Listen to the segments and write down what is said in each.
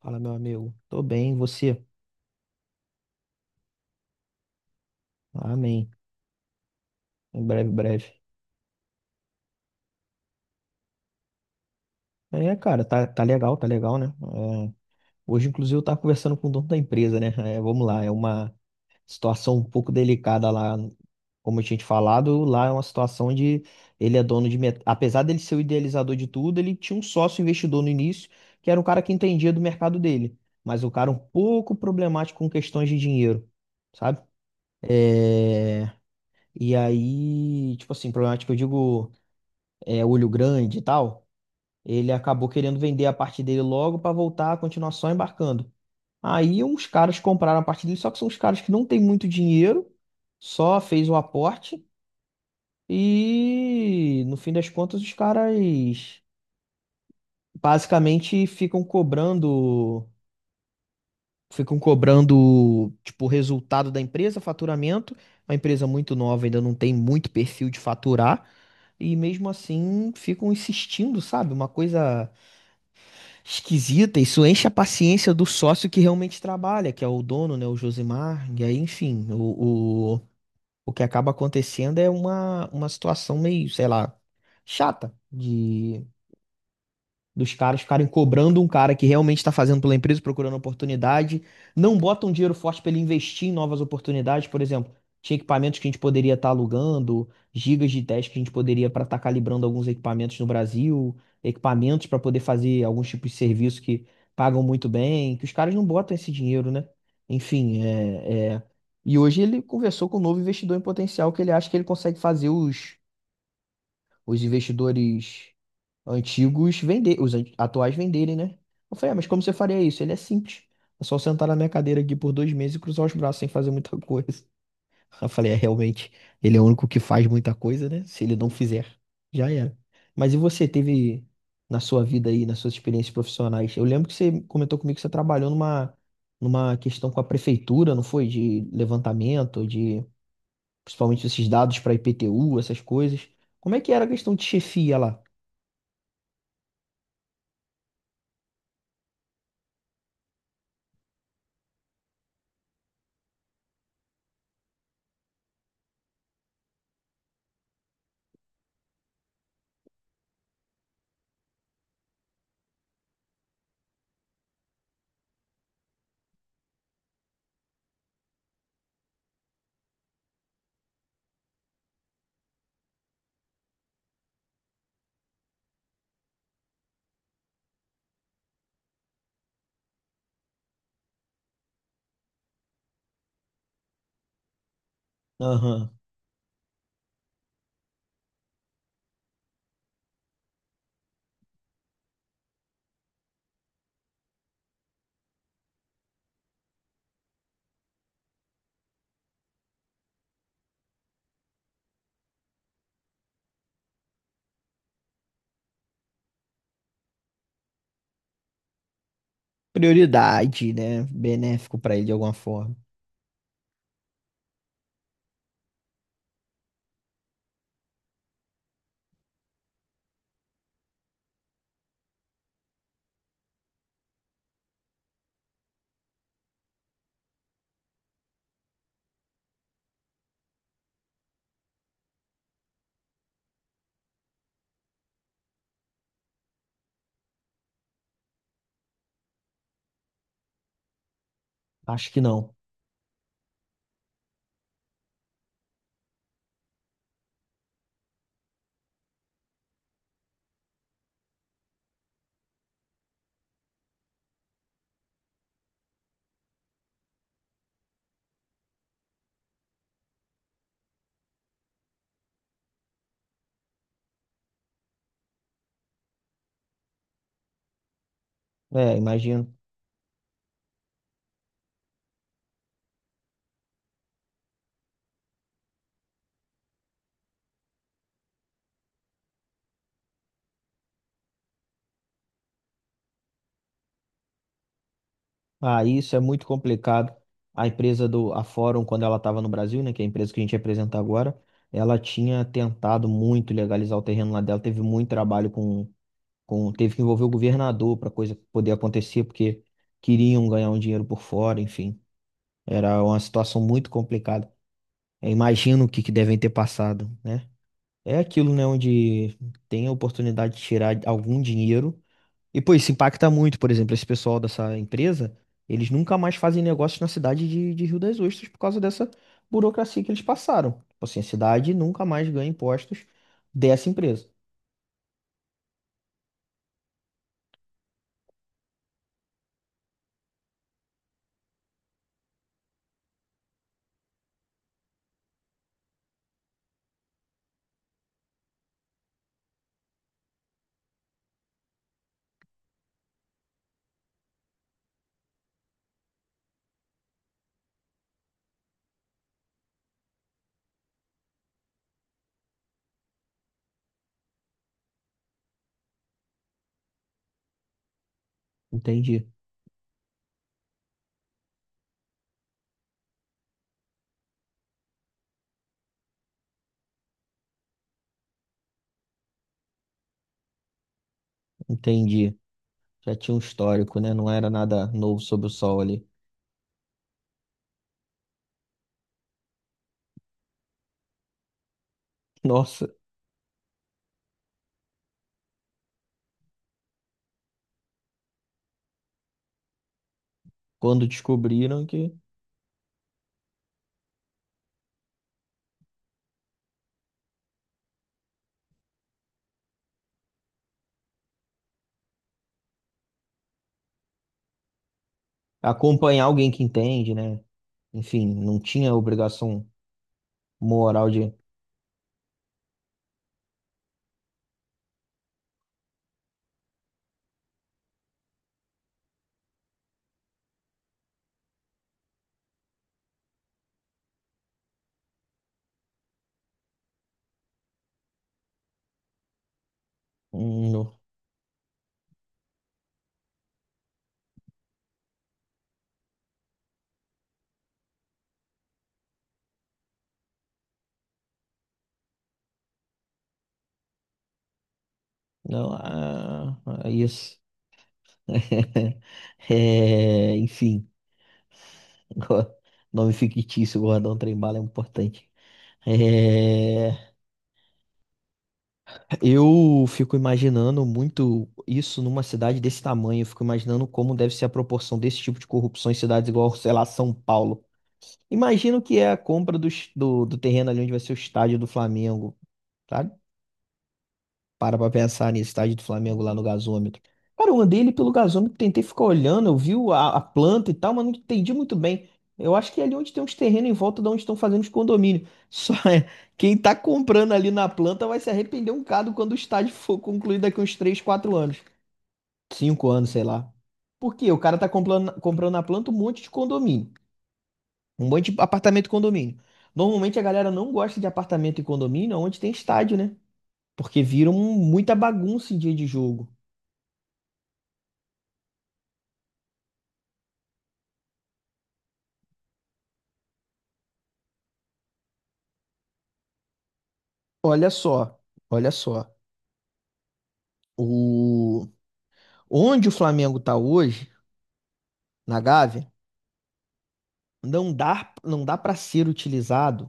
Fala, meu amigo. Tô bem, e você? Amém. Em breve, breve. É, cara, tá legal, tá legal, né? É, hoje, inclusive, eu tava conversando com o dono da empresa, né? É, vamos lá, é uma situação um pouco delicada lá, como eu tinha te falado, lá é uma situação onde ele é dono de... Apesar dele ser o idealizador de tudo, ele tinha um sócio investidor no início, que era um cara que entendia do mercado dele, mas o cara um pouco problemático com questões de dinheiro, sabe? É... E aí, tipo assim, problemático, eu digo é, olho grande e tal, ele acabou querendo vender a parte dele logo para voltar a continuar só embarcando. Aí uns caras compraram a parte dele, só que são uns caras que não têm muito dinheiro, só fez o aporte e no fim das contas os caras basicamente ficam cobrando tipo o resultado da empresa, faturamento. É uma empresa muito nova, ainda não tem muito perfil de faturar e mesmo assim ficam insistindo, sabe? Uma coisa esquisita, isso enche a paciência do sócio que realmente trabalha, que é o dono, né, o Josimar, e aí, enfim, o que acaba acontecendo é uma situação meio, sei lá, chata de, dos caras ficarem cobrando um cara que realmente está fazendo pela empresa, procurando oportunidade, não botam dinheiro forte para ele investir em novas oportunidades, por exemplo, tinha equipamentos que a gente poderia estar alugando, gigas de teste que a gente poderia para estar calibrando alguns equipamentos no Brasil, equipamentos para poder fazer alguns tipos de serviço que pagam muito bem, que os caras não botam esse dinheiro, né? Enfim, é, é... E hoje ele conversou com um novo investidor em potencial que ele acha que ele consegue fazer os investidores antigos vender, os atuais venderem, né? Eu falei, ah, mas como você faria isso? Ele é simples. É só sentar na minha cadeira aqui por 2 meses e cruzar os braços sem fazer muita coisa. Eu falei, é realmente, ele é o único que faz muita coisa, né? Se ele não fizer, já era. Mas e você teve na sua vida aí, nas suas experiências profissionais? Eu lembro que você comentou comigo que você trabalhou numa questão com a prefeitura, não foi? De levantamento, de principalmente esses dados para IPTU, essas coisas. Como é que era a questão de chefia lá? Aham. Prioridade, né? Benéfico para ele de alguma forma. Acho que não. É, imagino. Ah, isso é muito complicado. A empresa do a Fórum, quando ela estava no Brasil, né, que é a empresa que a gente representa agora, ela tinha tentado muito legalizar o terreno lá dela, teve muito trabalho com teve que envolver o governador para coisa poder acontecer, porque queriam ganhar um dinheiro por fora, enfim. Era uma situação muito complicada. Eu imagino o que que devem ter passado, né? É aquilo, né, onde tem a oportunidade de tirar algum dinheiro. E, pô, isso impacta muito, por exemplo, esse pessoal dessa empresa, eles nunca mais fazem negócios na cidade de Rio das Ostras por causa dessa burocracia que eles passaram. Tipo assim, a cidade nunca mais ganha impostos dessa empresa. Entendi, entendi. Já tinha um histórico, né? Não era nada novo sob o sol ali. Nossa, quando descobriram que acompanhar alguém que entende, né? Enfim, não tinha obrigação moral de. Um, não, ah, ah, isso. É, enfim, go- nome fictício, Gordão Trem-Bala é importante. É, eu fico imaginando muito isso numa cidade desse tamanho. Eu fico imaginando como deve ser a proporção desse tipo de corrupção em cidades igual, sei lá, São Paulo. Imagino que é a compra do terreno ali onde vai ser o estádio do Flamengo, sabe? Para pra pensar nesse estádio do Flamengo lá no gasômetro. Cara, eu andei ali pelo gasômetro, tentei ficar olhando, eu vi a planta e tal, mas não entendi muito bem. Eu acho que é ali onde tem uns terrenos em volta de onde estão fazendo os condomínios. Só é, quem tá comprando ali na planta vai se arrepender um bocado quando o estádio for concluído daqui uns 3 4 anos, 5 anos, sei lá. Por quê? O cara tá comprando na planta um monte de condomínio. Um monte de apartamento e condomínio. Normalmente a galera não gosta de apartamento e condomínio onde tem estádio, né? Porque viram muita bagunça em dia de jogo. Olha só, olha só. O... Onde o Flamengo está hoje, na Gávea, não dá, não dá para ser utilizado,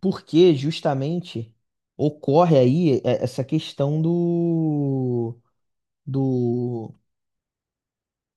porque justamente ocorre aí é, essa questão do, do...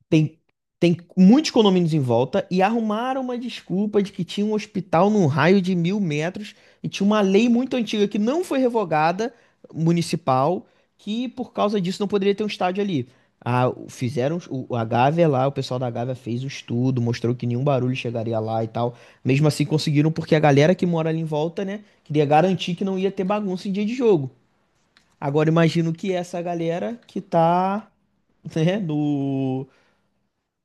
Tem, tem muitos condomínios em volta e arrumaram uma desculpa de que tinha um hospital num raio de 1.000 metros e tinha uma lei muito antiga que não foi revogada, municipal, que por causa disso não poderia ter um estádio ali. Ah, fizeram a Gávea lá, o pessoal da Gávea fez o estudo, mostrou que nenhum barulho chegaria lá e tal. Mesmo assim conseguiram porque a galera que mora ali em volta, né, queria garantir que não ia ter bagunça em dia de jogo. Agora imagino que essa galera que tá, né, no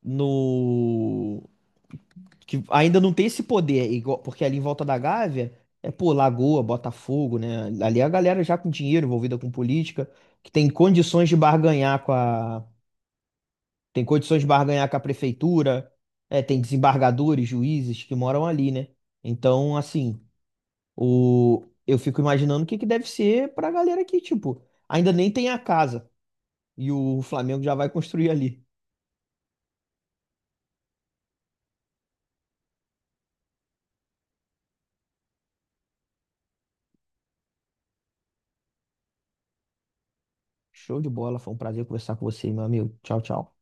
no que ainda não tem esse poder, porque ali em volta da Gávea é, pô, Lagoa, Botafogo, né? Ali é a galera já com dinheiro envolvida com política, que tem condições de barganhar com a tem condições de barganhar com a prefeitura, é, tem desembargadores, juízes que moram ali, né? Então, assim, o eu fico imaginando o que que deve ser pra galera aqui, tipo, ainda nem tem a casa e o Flamengo já vai construir ali. Show de bola, foi um prazer conversar com você, meu amigo. Tchau, tchau.